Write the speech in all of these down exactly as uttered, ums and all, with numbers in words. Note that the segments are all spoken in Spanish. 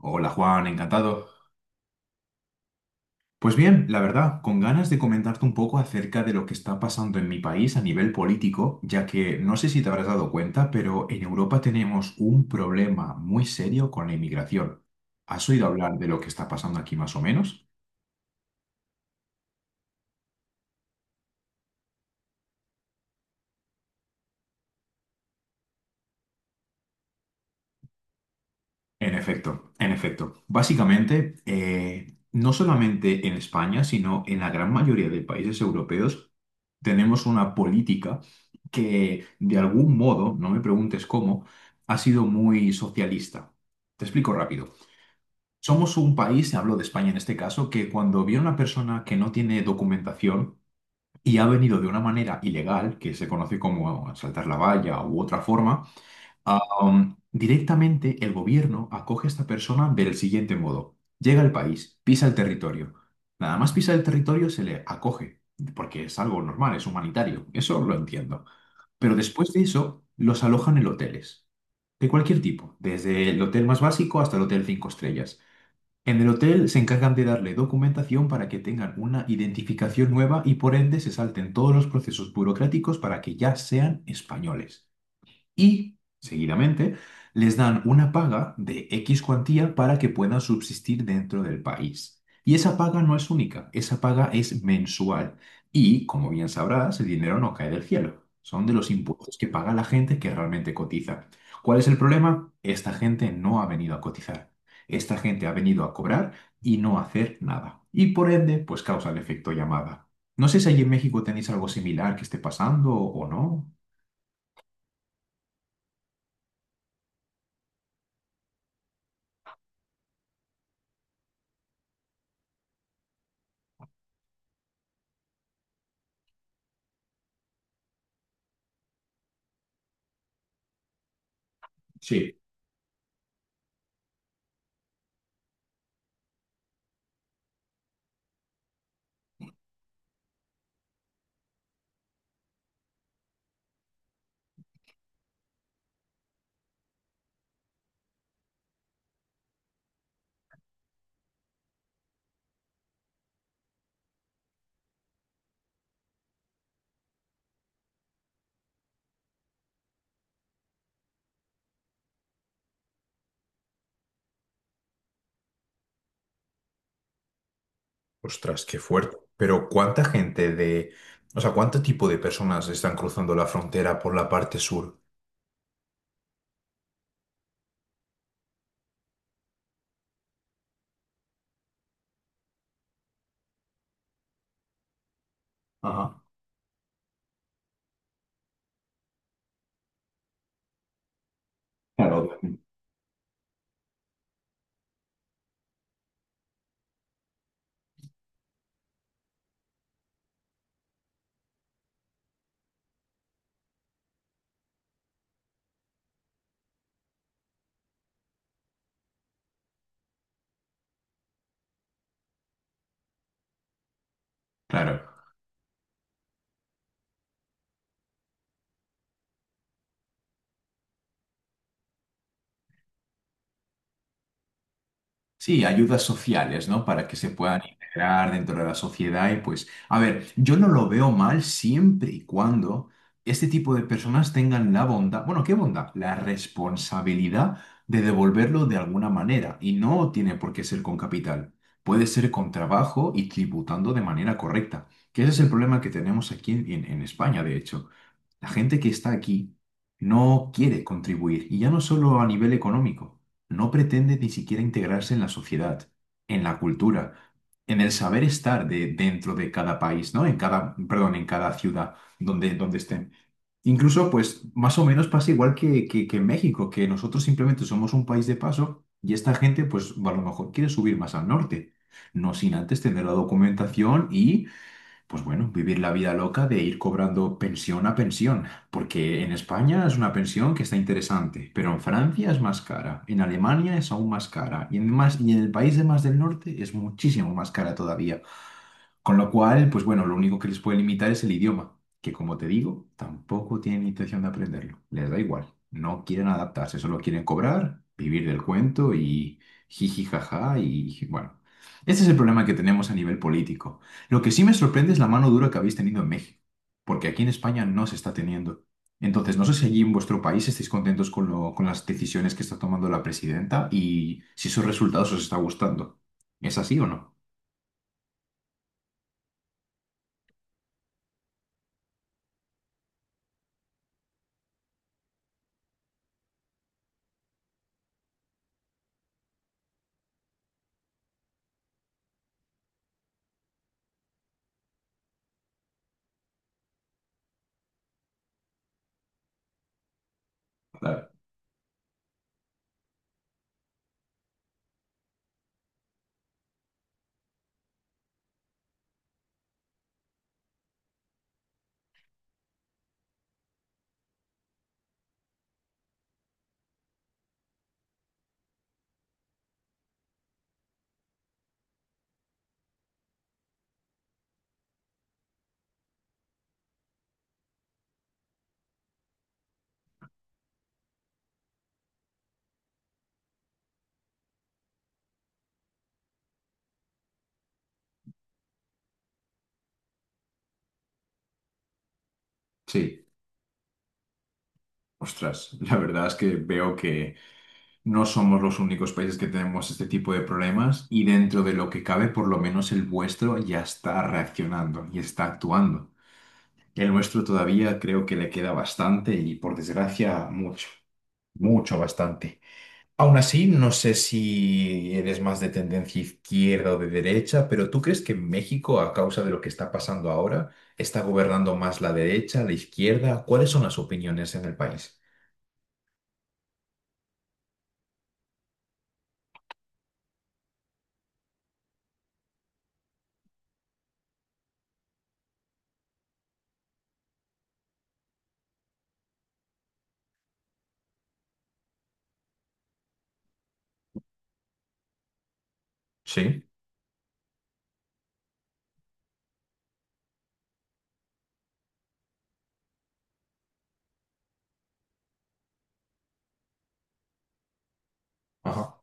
Hola Juan, encantado. Pues bien, la verdad, con ganas de comentarte un poco acerca de lo que está pasando en mi país a nivel político, ya que no sé si te habrás dado cuenta, pero en Europa tenemos un problema muy serio con la inmigración. ¿Has oído hablar de lo que está pasando aquí más o menos? En efecto, en efecto. Básicamente, eh, no solamente en España, sino en la gran mayoría de países europeos, tenemos una política que, de algún modo, no me preguntes cómo, ha sido muy socialista. Te explico rápido. Somos un país, hablo de España en este caso, que cuando viene una persona que no tiene documentación y ha venido de una manera ilegal, que se conoce como saltar la valla u otra forma. Um, directamente el gobierno acoge a esta persona del siguiente modo. Llega al país, pisa el territorio. Nada más pisa el territorio se le acoge, porque es algo normal, es humanitario, eso lo entiendo. Pero después de eso, los alojan en hoteles de cualquier tipo, desde el hotel más básico hasta el hotel cinco estrellas. En el hotel se encargan de darle documentación para que tengan una identificación nueva y por ende se salten todos los procesos burocráticos para que ya sean españoles y, seguidamente, les dan una paga de X cuantía para que puedan subsistir dentro del país. Y esa paga no es única, esa paga es mensual. Y, como bien sabrás, el dinero no cae del cielo. Son de los impuestos que paga la gente que realmente cotiza. ¿Cuál es el problema? Esta gente no ha venido a cotizar. Esta gente ha venido a cobrar y no a hacer nada. Y por ende, pues causa el efecto llamada. No sé si allí en México tenéis algo similar que esté pasando o no. Sí. Ostras, qué fuerte. Pero ¿cuánta gente de, o sea, cuánto tipo de personas están cruzando la frontera por la parte sur? Ajá. Claro, obviamente. Claro. Sí, ayudas sociales, ¿no? Para que se puedan integrar dentro de la sociedad y pues, a ver, yo no lo veo mal siempre y cuando este tipo de personas tengan la bondad, bueno, ¿qué bondad? La responsabilidad de devolverlo de alguna manera y no tiene por qué ser con capital. Puede ser con trabajo y tributando de manera correcta, que ese es el problema que tenemos aquí en, en en España, de hecho. La gente que está aquí no quiere contribuir y ya no solo a nivel económico no pretende ni siquiera integrarse en la sociedad, en la cultura, en el saber estar de, dentro de cada país, ¿no? En cada, perdón, en cada ciudad donde, donde estén. Incluso, pues, más o menos pasa igual que, que, que en México, que nosotros simplemente somos un país de paso y esta gente, pues, a lo mejor quiere subir más al norte, no sin antes tener la documentación y pues bueno, vivir la vida loca de ir cobrando pensión a pensión, porque en España es una pensión que está interesante, pero en Francia es más cara, en Alemania es aún más cara, y en, más, y en el país de más del norte es muchísimo más cara todavía. Con lo cual, pues bueno, lo único que les puede limitar es el idioma, que como te digo, tampoco tienen intención de aprenderlo. Les da igual, no quieren adaptarse, solo quieren cobrar, vivir del cuento y jiji jaja y bueno. Este es el problema que tenemos a nivel político. Lo que sí me sorprende es la mano dura que habéis tenido en México, porque aquí en España no se está teniendo. Entonces, no sé si allí en vuestro país estáis contentos con lo- con las decisiones que está tomando la presidenta y si sus resultados os está gustando. ¿Es así o no? Claro. Sí. Ostras, la verdad es que veo que no somos los únicos países que tenemos este tipo de problemas y dentro de lo que cabe, por lo menos el vuestro ya está reaccionando y está actuando. El nuestro todavía creo que le queda bastante y por desgracia mucho, mucho bastante. Aún así, no sé si eres más de tendencia izquierda o de derecha, pero ¿tú crees que en México, a causa de lo que está pasando ahora, está gobernando más la derecha, la izquierda? ¿Cuáles son las opiniones en el país? Sí. Ajá.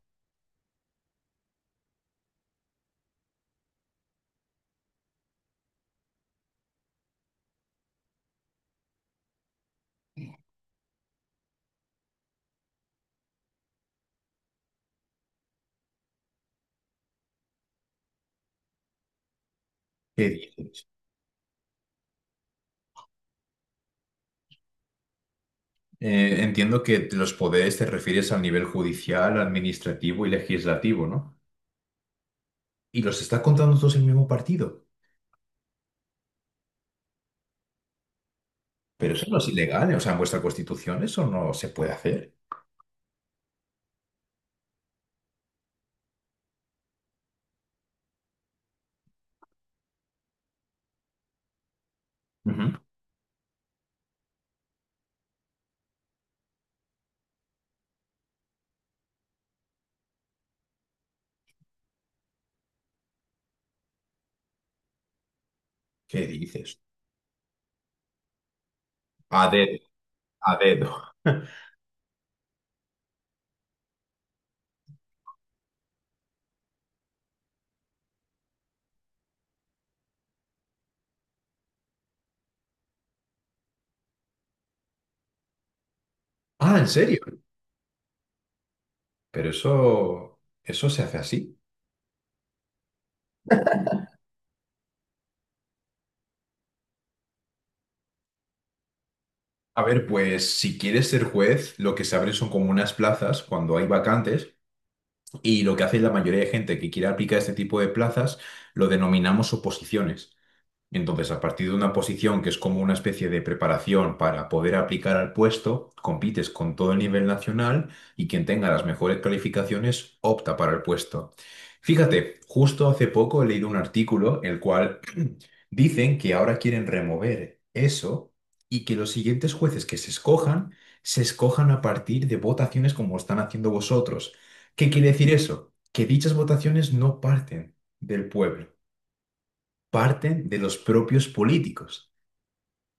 ¿Qué dices? Eh, entiendo que los poderes te refieres al nivel judicial, administrativo y legislativo, ¿no? Y los está contando todos en el mismo partido. Pero eso no es ilegal, ¿eh? O sea, en vuestra constitución eso no se puede hacer. Ujú. ¿Qué dices? A dedo, a dedo. Ah, ¿en serio? Pero eso, eso se hace así. A ver, pues si quieres ser juez, lo que se abren son como unas plazas cuando hay vacantes y lo que hace la mayoría de gente que quiere aplicar este tipo de plazas lo denominamos oposiciones. Entonces, a partir de una posición que es como una especie de preparación para poder aplicar al puesto, compites con todo el nivel nacional y quien tenga las mejores calificaciones opta para el puesto. Fíjate, justo hace poco he leído un artículo el cual dicen que ahora quieren remover eso y que los siguientes jueces que se escojan se escojan a partir de votaciones como están haciendo vosotros. ¿Qué quiere decir eso? Que dichas votaciones no parten del pueblo, parten de los propios políticos.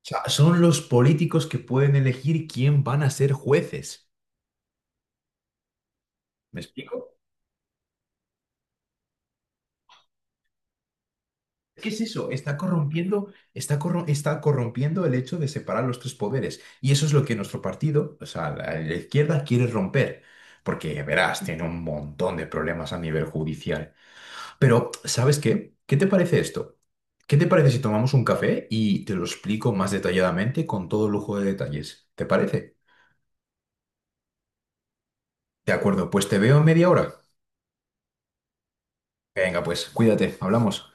O sea, son los políticos que pueden elegir quién van a ser jueces. ¿Me explico? ¿Qué es eso? Está corrompiendo, está corro- está corrompiendo el hecho de separar los tres poderes. Y eso es lo que nuestro partido, o sea, la, la izquierda quiere romper. Porque, verás, tiene un montón de problemas a nivel judicial. Pero, ¿sabes qué? ¿Qué te parece esto? ¿Qué te parece si tomamos un café y te lo explico más detalladamente con todo lujo de detalles? ¿Te parece? De acuerdo, pues te veo en media hora. Venga, pues, cuídate, hablamos.